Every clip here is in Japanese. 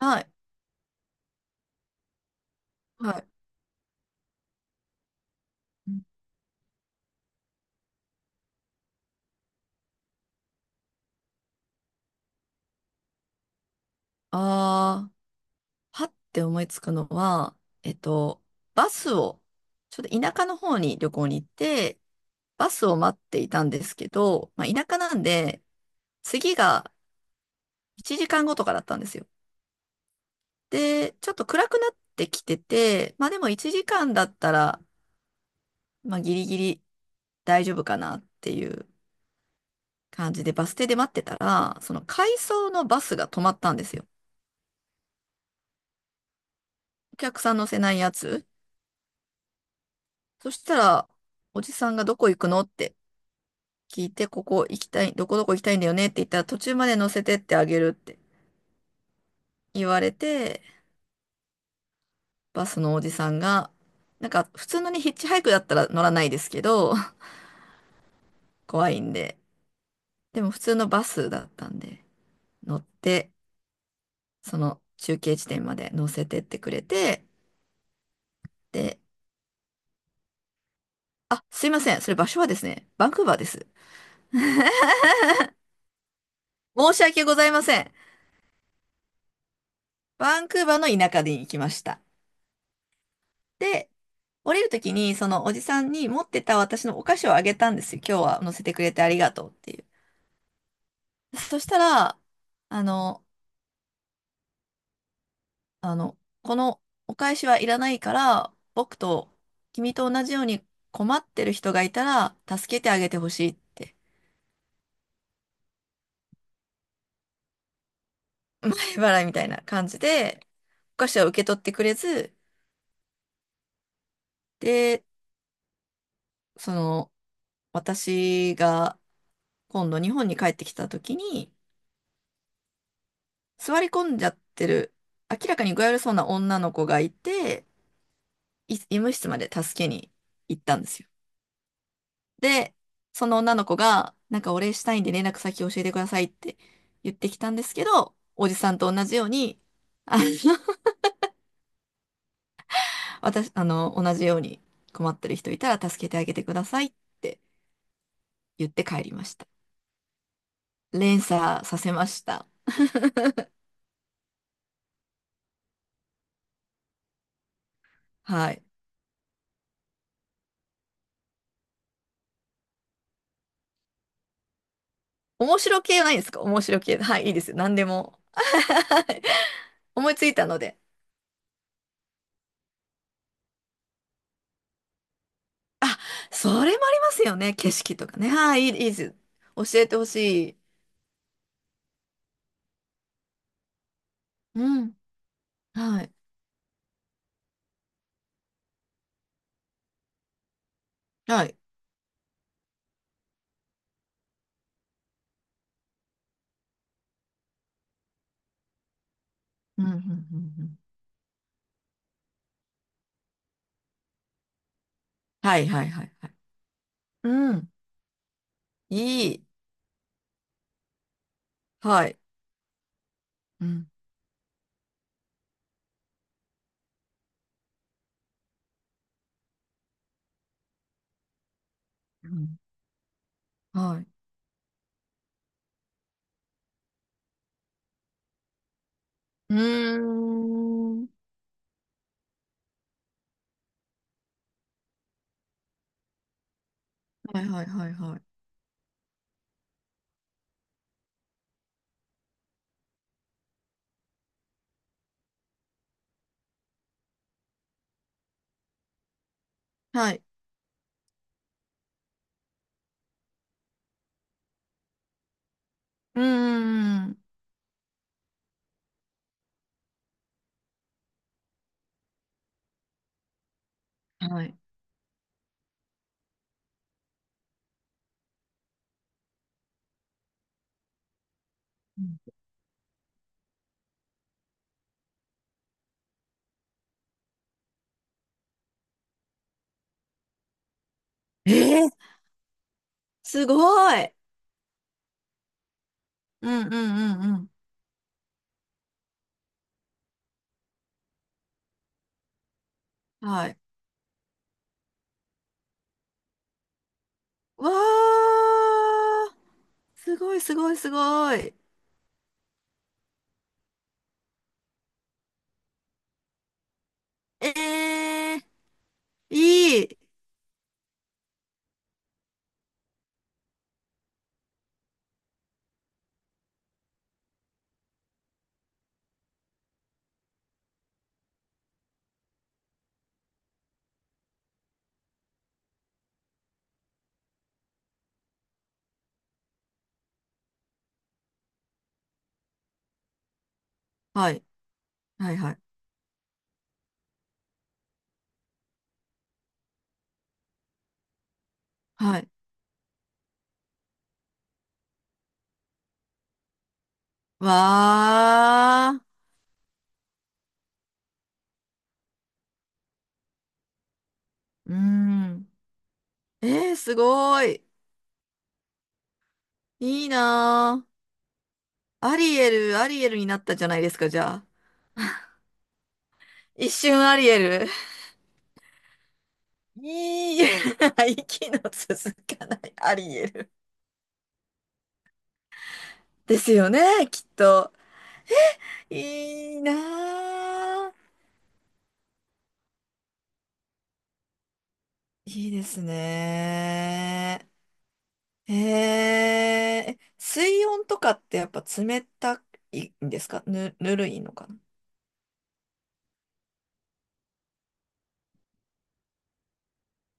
はい。はい。ああ、はって思いつくのは、えっと、バスを、ちょっと田舎の方に旅行に行って、バスを待っていたんですけど、まあ、田舎なんで、次が1時間後とかだったんですよ。で、ちょっと暗くなってきてて、まあでも1時間だったら、まあギリギリ大丈夫かなっていう感じでバス停で待ってたら、その回送のバスが止まったんですよ。お客さん乗せないやつ。そしたら、おじさんがどこ行くのって聞いて、ここ行きたい、どこどこ行きたいんだよねって言ったら、途中まで乗せてってあげるって言われて、バスのおじさんが、なんか普通のにヒッチハイクだったら乗らないですけど、怖いんで。でも普通のバスだったんで、乗って、その中継地点まで乗せてってくれて、で、あ、すいません。それ場所はですね、バンクーバーです。申し訳ございません。バンクーバーの田舎に行きました。で、降りるときに、そのおじさんに持ってた私のお菓子をあげたんですよ。今日は乗せてくれてありがとうっていう。そしたら、あの、あの、このお返しはいらないから、僕と君と同じように困ってる人がいたら、助けてあげてほしいって、払いみたいな感じで、お菓子は受け取ってくれず、で、その、私が今度日本に帰ってきたときに、座り込んじゃってる、明らかに具合悪そうな女の子がいて、医務室まで助けに行ったんですよ。で、その女の子が、なんかお礼したいんで連絡先教えてくださいって言ってきたんですけど、おじさんと同じように、あの、私、同じように困ってる人いたら助けてあげてくださいって言って帰りました。連鎖させました。はい。面白系ないですか面白系。はい、いいですよ。何でも。思いついたので。それもありますよね。景色とかね。はい、いいです。教えてほしい。うん。はい。はい。うん、うん、うん。うん。はいはいはいはい。うん。いい。はい。うん。うん。はい。うーん。はいはいはいはい。はい。うーん。はい。うん。えー、すごい。うんうんうんうん。はい。わー。すごいすごいすごい。えー、いい。はい。はいはい。はい。わー。うーん。えー、すごい。いいなー。アリエル、アリエルになったじゃないですか、じゃあ。一瞬アリエル。いい、息の続かないアリエル。ですよね、きっと。いいなー。いいですねー。ええ、水温とかってやっぱ冷たいんですか？ぬるいのかな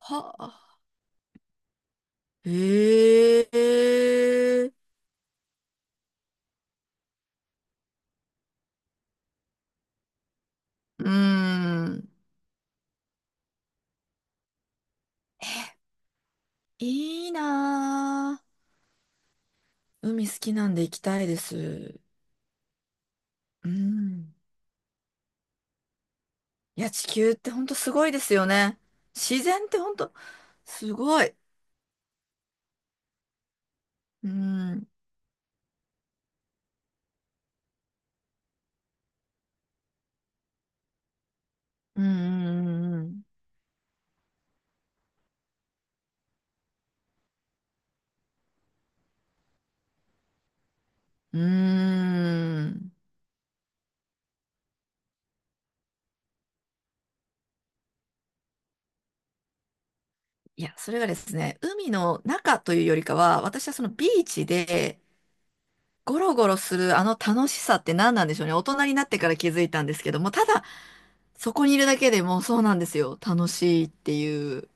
は。ええ。うん。いいなぁ。海好きなんで行きたいです。うん。いや、地球ってほんとすごいですよね。自然ってほんとすごい。うん。うんうんうんうん。うーん。いや、それがですね、海の中というよりかは、私はそのビーチでゴロゴロするあの楽しさって何なんでしょうね。大人になってから気づいたんですけども、ただそこにいるだけでもうそうなんですよ。楽しいっていう。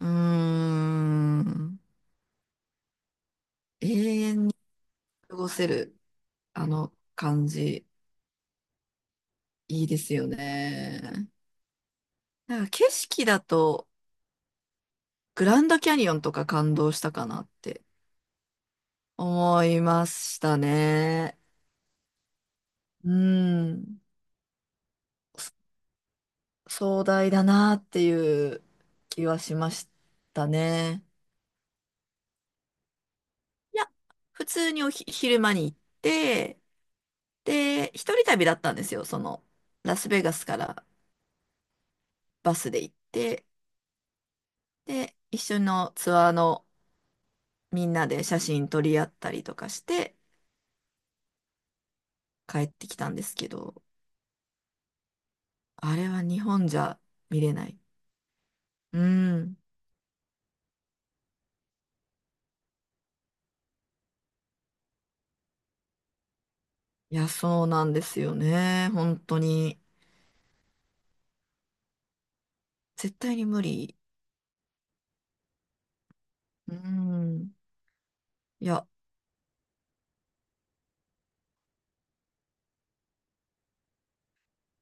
うーん。永遠に過ごせる、あの感じ、いいですよね。なんか景色だと、グランドキャニオンとか感動したかなって思いましたね。うん。壮大だなっていう気はしましたね。いや、普通に昼間に行って、で、一人旅だったんですよ。その、ラスベガスからバスで行って、で、一緒のツアーのみんなで写真撮り合ったりとかして帰ってきたんですけど、あれは日本じゃ見れない。うん。いや、そうなんですよね。本当に。絶対に無理。うん。いや、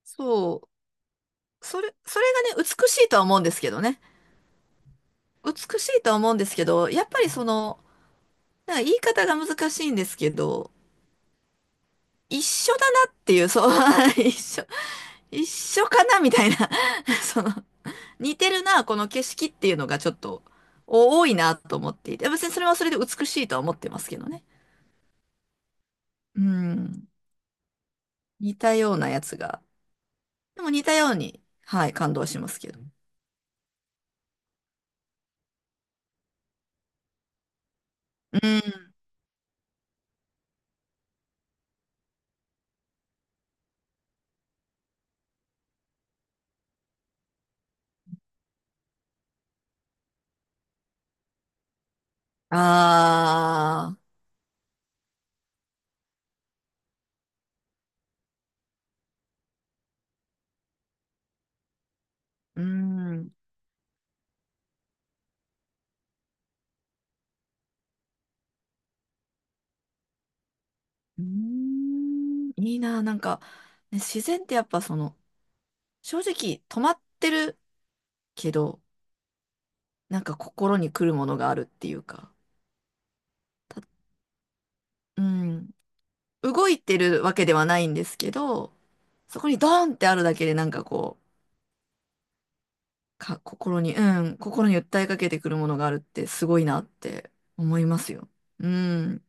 そう。それがね、美しいとは思うんですけどね。美しいとは思うんですけど、やっぱりその、なんか言い方が難しいんですけど、一緒だなっていう、そう、一緒、一緒かなみたいな、その、似てるな、この景色っていうのがちょっと多いなと思っていて、別にそれはそれで美しいとは思ってますけどね。うん。似たようなやつが。でも似たように、はい、感動しますけど。うん。ああ、うん。うーん。いいな、なんか、ね、自然ってやっぱその、正直止まってるけど、なんか心に来るものがあるっていうか。うん、動いてるわけではないんですけど、そこにドーンってあるだけでなんかこう、心に、うん、心に訴えかけてくるものがあるってすごいなって思いますよ。うん。